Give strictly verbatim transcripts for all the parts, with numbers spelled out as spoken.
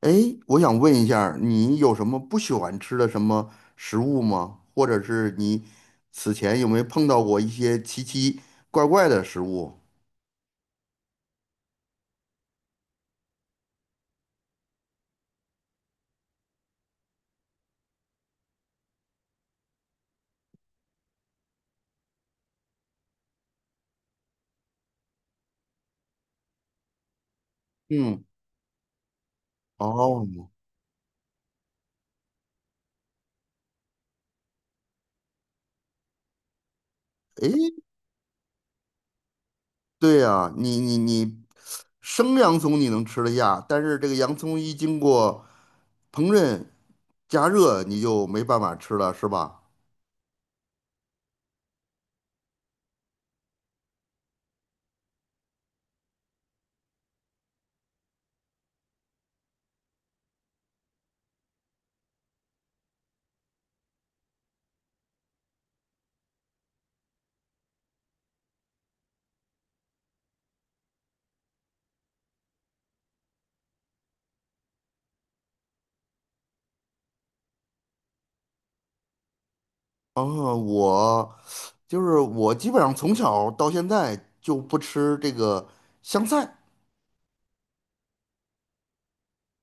哎，我想问一下儿你有什么不喜欢吃的什么食物吗？或者是你此前有没有碰到过一些奇奇怪怪的食物？嗯。哦。哎，对呀，你你你，生洋葱你能吃得下，但是这个洋葱一经过烹饪加热，你就没办法吃了，是吧？哦，我就是我基本上从小到现在就不吃这个香菜。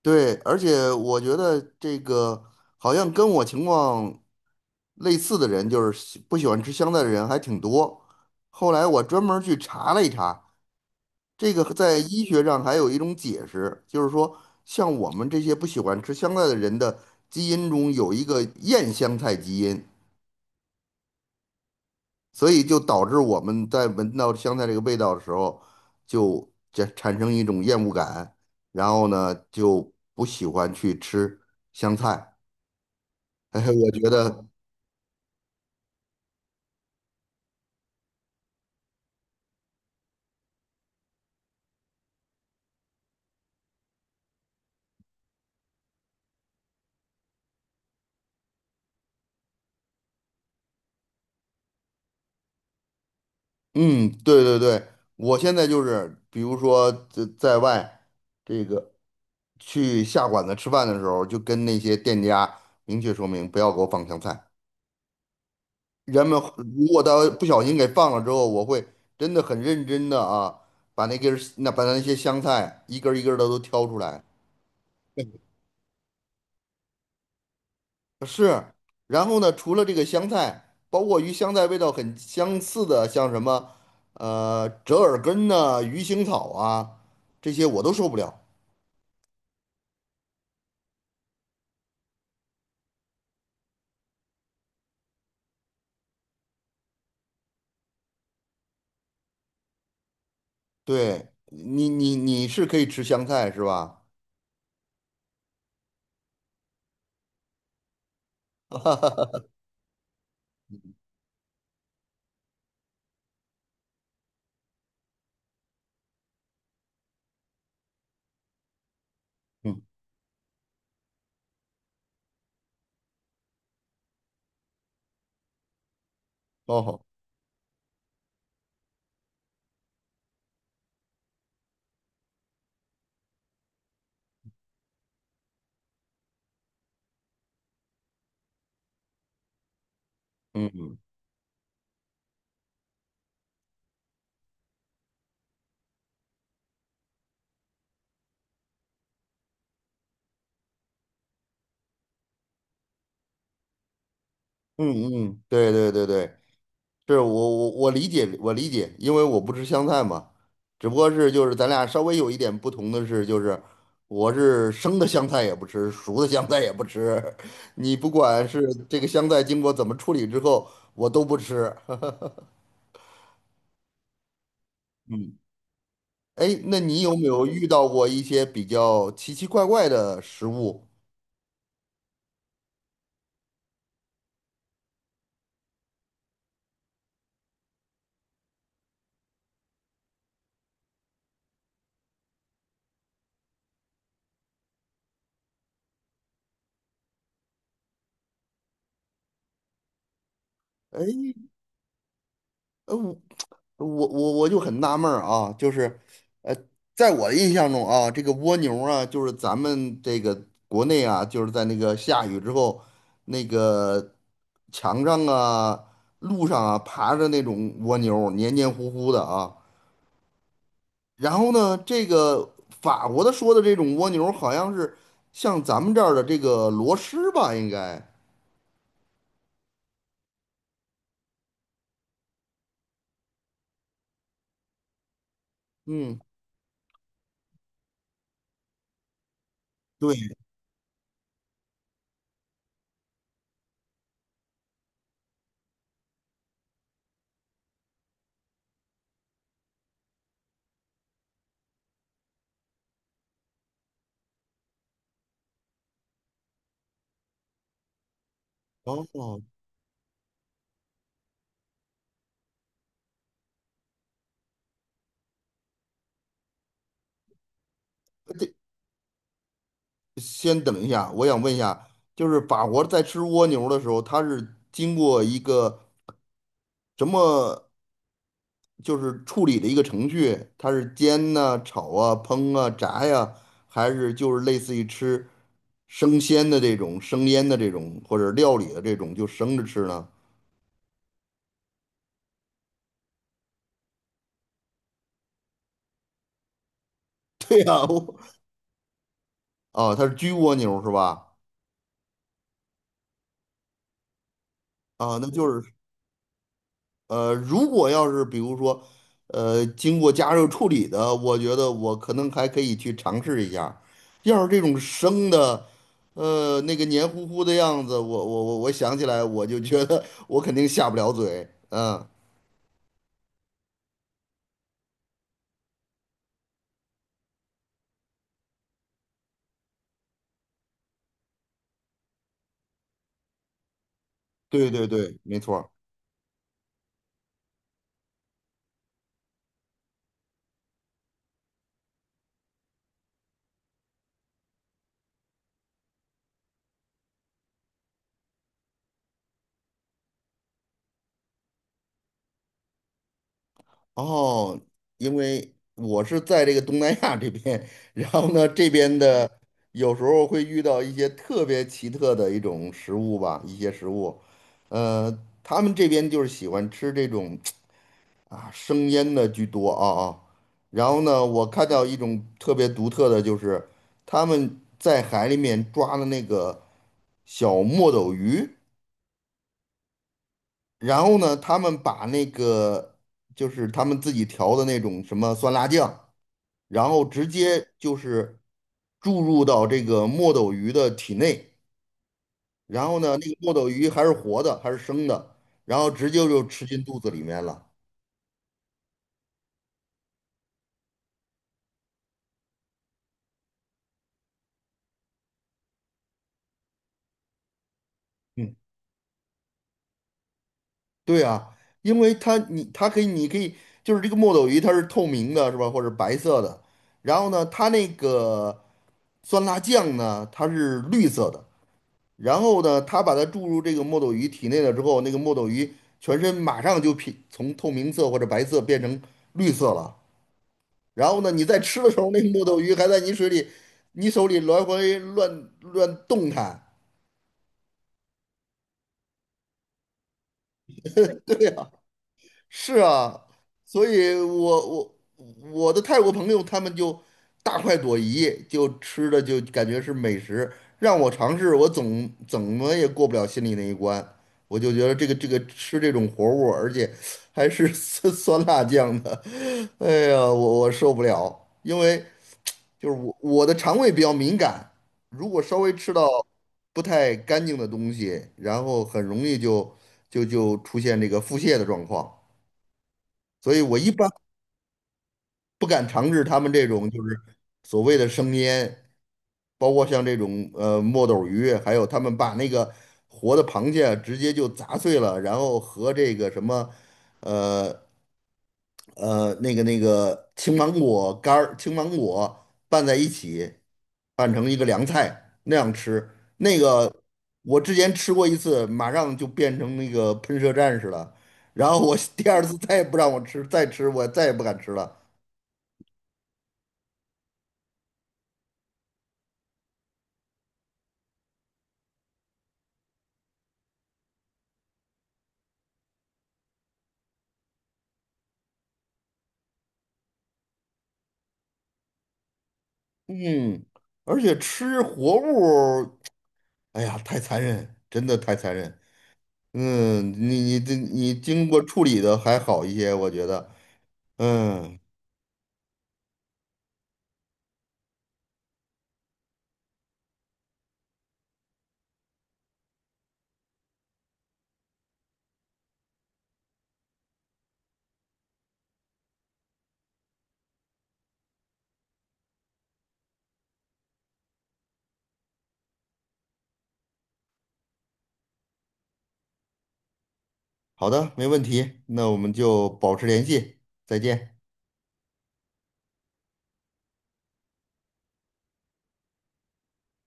对，而且我觉得这个好像跟我情况类似的人，就是喜不喜欢吃香菜的人还挺多。后来我专门儿去查了一查，这个在医学上还有一种解释，就是说像我们这些不喜欢吃香菜的人的基因中有一个厌香菜基因，所以就导致我们在闻到香菜这个味道的时候，就这产生一种厌恶感，然后呢就不喜欢去吃香菜。哎，我觉得，嗯，对对对，我现在就是，比如说在在外这个去下馆子吃饭的时候，就跟那些店家明确说明，不要给我放香菜。人们如果他不小心给放了之后，我会真的很认真的啊，把那根儿那把那些香菜一根儿一根的都挑出来。是。然后呢，除了这个香菜，包括与香菜味道很相似的，像什么呃折耳根呐、鱼腥草啊，这些我都受不了。对你，你你是可以吃香菜是吧？嗯。哦，嗯嗯嗯嗯，对对对对，是我我我理解我理解，因为我不吃香菜嘛，只不过是就是咱俩稍微有一点不同的是，就是我是生的香菜也不吃，熟的香菜也不吃，你不管是这个香菜经过怎么处理之后，我都不吃。嗯。哎，那你有没有遇到过一些比较奇奇怪怪的食物？哎，呃，我我我我就很纳闷儿啊，就是。在我的印象中啊，这个蜗牛啊，就是咱们这个国内啊，就是在那个下雨之后，那个墙上啊、路上啊爬着那种蜗牛，黏黏糊糊的啊。然后呢，这个法国的说的这种蜗牛，好像是像咱们这儿的这个螺蛳吧，应该。嗯，对。哦，这先等一下，我想问一下，就是法国在吃蜗牛的时候，它是经过一个什么就是处理的一个程序，它是煎呐、炒啊、烹啊、炸呀、还是就是类似于吃生鲜的这种、生腌的这种或者料理的这种，就生着吃呢？对呀、啊，啊它是焗蜗牛是吧？啊，那就是呃，如果要是比如说，呃，经过加热处理的，我觉得我可能还可以去尝试一下。要是这种生的，呃，那个黏糊糊的样子，我我我我想起来，我就觉得 我肯定下不了嘴。嗯，对对对，没错。哦，因为我是在这个东南亚这边，然后呢，这边嗯的有时候会遇到一些特别奇特的一种食物吧，一些食物，呃，他们这边就是喜欢吃这种 啊生腌的居多啊啊，然后呢，我看到一种特别独特的就是他们在海里面抓的那个小墨斗鱼，然后呢，他们把那个就是他们自己调的那种什么酸辣酱。然后直接就是注入到这个墨斗鱼的体内，然后呢，那个墨斗鱼还是活的，还是生的，然后直接就吃进肚子里面了。嗯，对啊，因为它你它可以你可以就是这个墨斗鱼它是透明的，是吧？或者白色的，然后呢，它那个酸辣酱呢，它是绿色的。然后呢，它把它注入这个墨斗鱼体内了之后，那个墨斗鱼全身马上就变从透明色或者白色变成绿色了。然后呢，你在吃的时候，那木头鱼还在你水里、你手里来回乱乱动弹，是啊，所以我我我的泰国朋友他们就大快朵颐，就吃的就感觉是美食，让我尝试，我总怎么也过不了心里那一关。我就觉得这个这个吃这种活物，而且还是 酸酸辣酱的，哎呀，我我受不了，因为就是我我的肠胃比较敏感，如果稍微吃到不太干净的东西，然后很容易就就就出现这个腹泻的状况。所以我一般不敢尝试他们这种就是所谓的生腌，包括像这种呃墨斗鱼，还有他们把那个活的螃蟹直接就砸碎了，然后和这个什么呃呃那个那个青芒果干儿、青芒果拌在一起，拌成一个凉菜那样吃。那个我之前吃过一次，马上就变成那个喷射战士了。然后我 第二次再也不让我吃，再吃我再也不敢吃了。嗯，而且吃活物。哎呀，太残忍，真的太残忍。嗯，你你这你经过处理的还好一些，我觉得。嗯，好的，没问题，那我们就保持联系，再见。